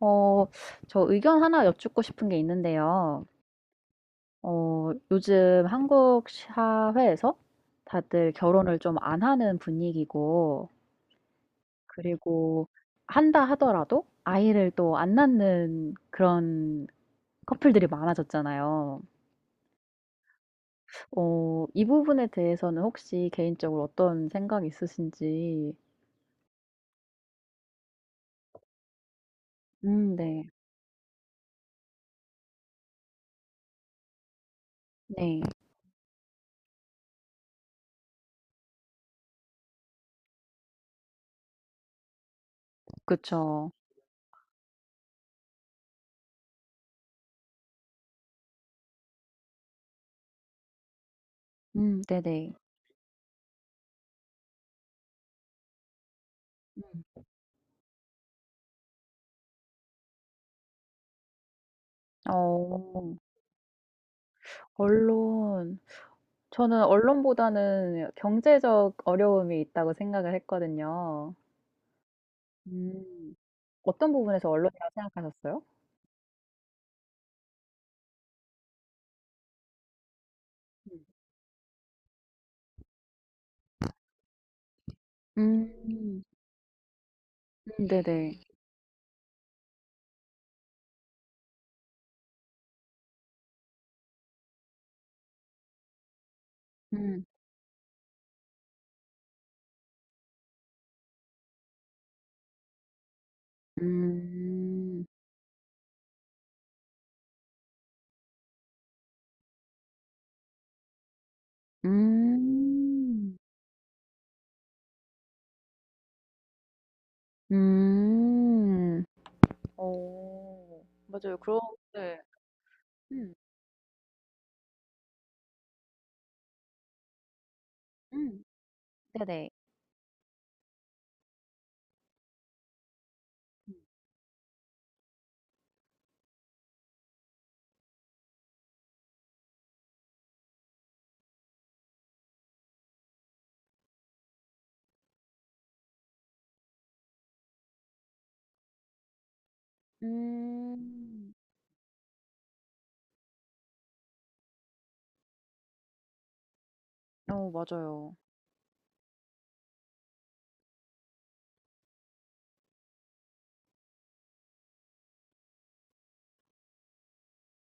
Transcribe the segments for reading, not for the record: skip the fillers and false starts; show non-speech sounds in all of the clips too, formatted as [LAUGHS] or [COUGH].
어, 저 의견 하나 여쭙고 싶은 게 있는데요. 요즘 한국 사회에서 다들 결혼을 좀 안 하는 분위기고, 그리고 한다 하더라도 아이를 또 안 낳는 그런 커플들이 많아졌잖아요. 이 부분에 대해서는 혹시 개인적으로 어떤 생각이 있으신지? 네. 네. 그쵸. 네네. 음. 어, 언론. 저는 언론보다는 경제적 어려움이 있다고 생각을 했거든요. 음. 어떤 부분에서 언론이라고 생각하셨어요? 음. 음. 네네. 음. 음. 음. 음. 어. 맞아요. 그런 네. 음. 음. 네네. 음. 음. 어 맞아요.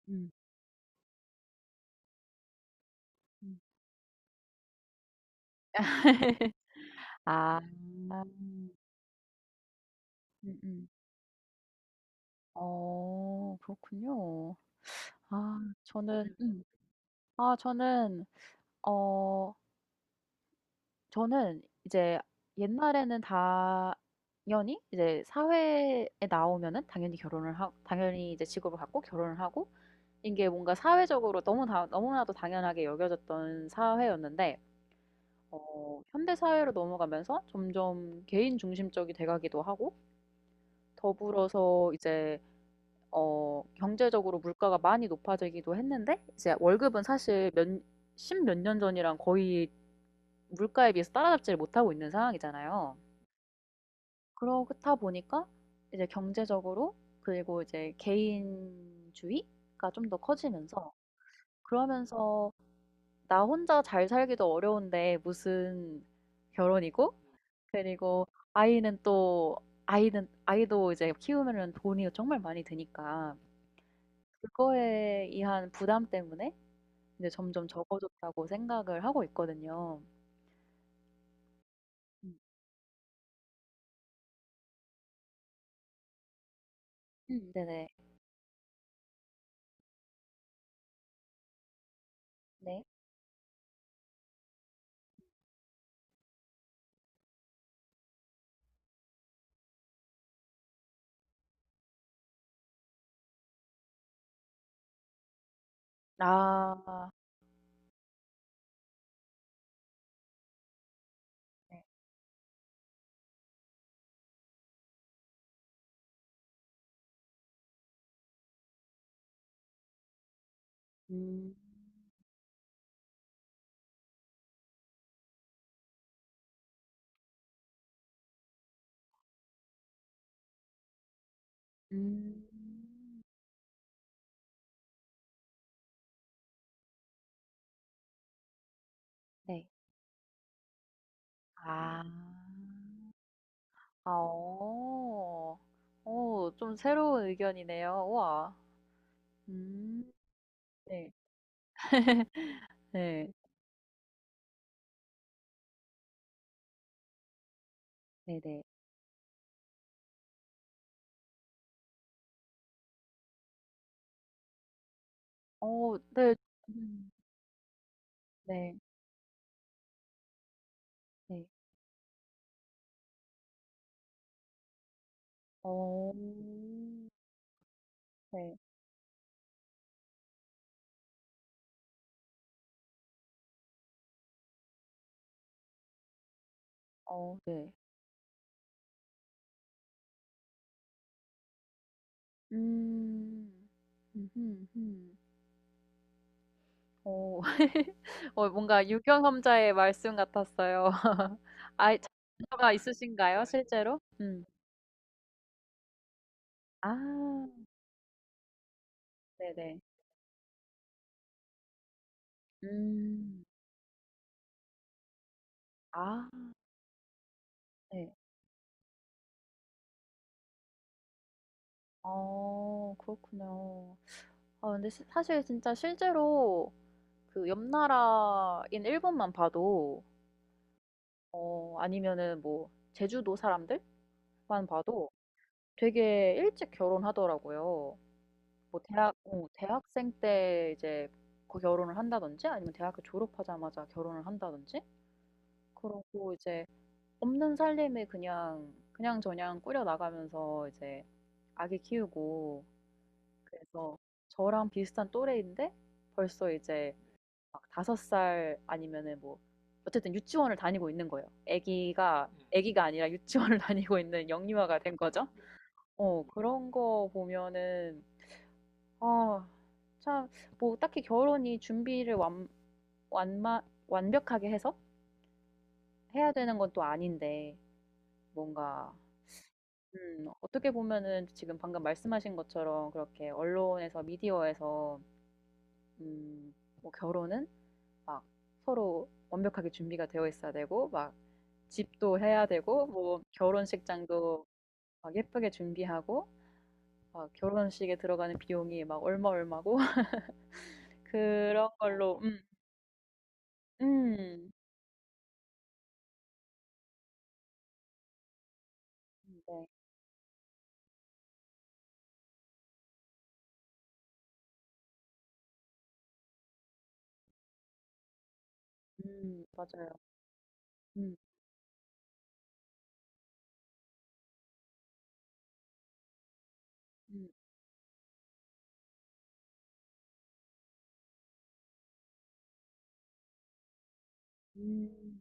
음. 음. 아. 음음. 어 그렇군요. 아 저는 음 아 저는 어 저는 이제 옛날에는 당연히 이제 사회에 나오면은 당연히 결혼을 하 당연히 이제 직업을 갖고 결혼을 하고, 이게 뭔가 사회적으로 너무나도 당연하게 여겨졌던 사회였는데 어 현대 사회로 넘어가면서 점점 개인 중심적이 돼 가기도 하고, 더불어서 이제 경제적으로 물가가 많이 높아지기도 했는데, 이제 월급은 사실 몇, 십몇 년 전이랑 거의 물가에 비해서 따라잡지를 못하고 있는 상황이잖아요. 그렇다 보니까 이제 경제적으로, 그리고 이제 개인주의가 좀 더 커지면서, 그러면서 나 혼자 잘 살기도 어려운데 무슨 결혼이고, 그리고 아이는 또 아이는 아이도 이제 키우면은 돈이 정말 많이 드니까 그거에 의한 부담 때문에 근데 점점 적어졌다고 생각을 하고 있거든요. 음. 네네. 네. 아. 네. 음. 음. 네. 아. 아오 오 좀 새로운 의견이네요. 우와. 음. 네. [LAUGHS] 네. 네네. 어 네. 음. 네. 네. 어. 네. 어 네. 음. 음 음. 어. [LAUGHS] 어 뭔가 유경험자의 말씀 같았어요. [LAUGHS] 아이 자녀가 있으신가요? 실제로? 음. 아 네네. 음. 아 네. 어 그렇군요. 아 근데 시 사실 진짜 실제로 그 옆 나라인 일본만 봐도, 아니면은 뭐 제주도 사람들만 봐도 되게 일찍 결혼하더라고요. 대학생 때 이제 그 결혼을 한다든지 아니면 대학교 졸업하자마자 결혼을 한다든지 그러고 이제 없는 살림을 그냥 그냥저냥 꾸려나가면서 이제 아기 키우고, 그래서 저랑 비슷한 또래인데 벌써 이제 막섯살 아니면은 뭐, 어쨌든 유치원을 다니고 있는 거예요. 아기가 아니라 유치원을 [LAUGHS] 다니고 있는 영유아가 된 거죠. 어, 그런 거 보면은, 어, 참, 뭐, 딱히 결혼이 준비를 완, 완마, 완벽하게 해서 해야 되는 건 또 아닌데, 뭔가, 어떻게 보면은 지금 방금 말씀하신 것처럼 그렇게 언론에서, 미디어에서, 음, 뭐, 결혼은 막 서로 완벽하게 준비가 되어 있어야 되고, 막 집도 해야 되고, 뭐, 결혼식장도 막 예쁘게 준비하고, 막 결혼식에 들어가는 비용이 막 얼마 얼마고, [LAUGHS] 그런 걸로, 음, 네. 맞아요. 음. 음. 음.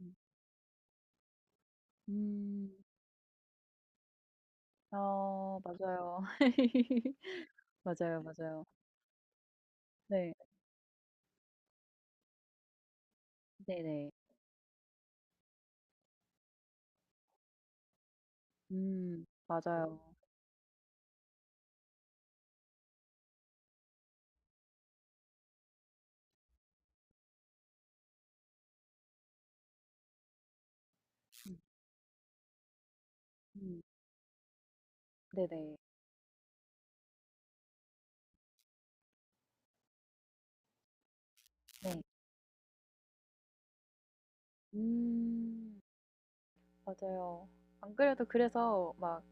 음. 음. 아 맞아요. [LAUGHS] 맞아요, 맞아요. 네. 네네. 맞아요. 음 네네. 네. 음 맞아요. 안 그래도 그래서 막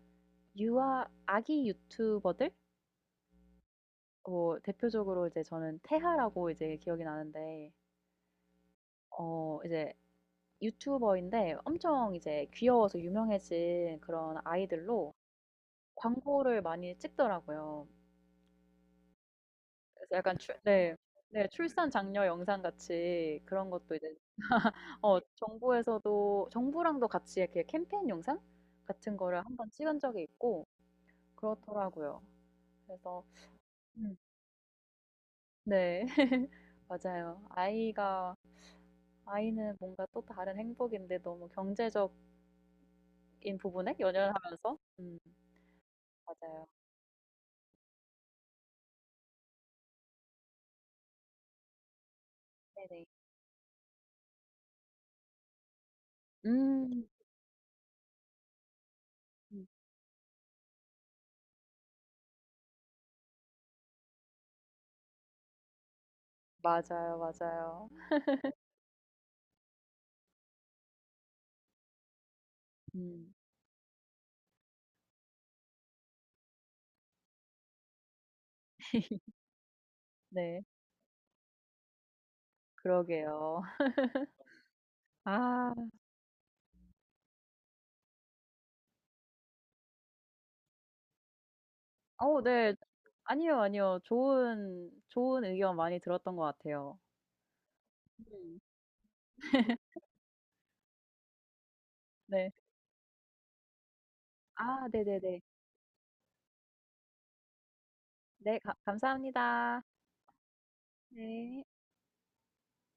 유아 아기 유튜버들, 뭐 대표적으로 이제 저는 태하라고 이제 기억이 나는데 이제 유튜버인데 엄청 이제 귀여워서 유명해진 그런 아이들로 광고를 많이 찍더라고요. 그래서 약간 출 네. 네 출산 장려 영상 같이 그런 것도 이제 어 정부에서도 정부랑도 같이 이렇게 캠페인 영상 같은 거를 한번 찍은 적이 있고 그렇더라고요. 그래서 음. 네. [LAUGHS] 맞아요. 아이가 아이는 뭔가 또 다른 행복인데 너무 경제적인 부분에 연연하면서 맞아요. 네네. 음. 음 맞아요, 맞아요. 음. [LAUGHS] 네. 그러게요. 아. 어 네. 아니요, 아니요. 좋은 의견 많이 들었던 것 같아요. 음. [LAUGHS] 네. 아 네네네. 네. 가 감사합니다. 네.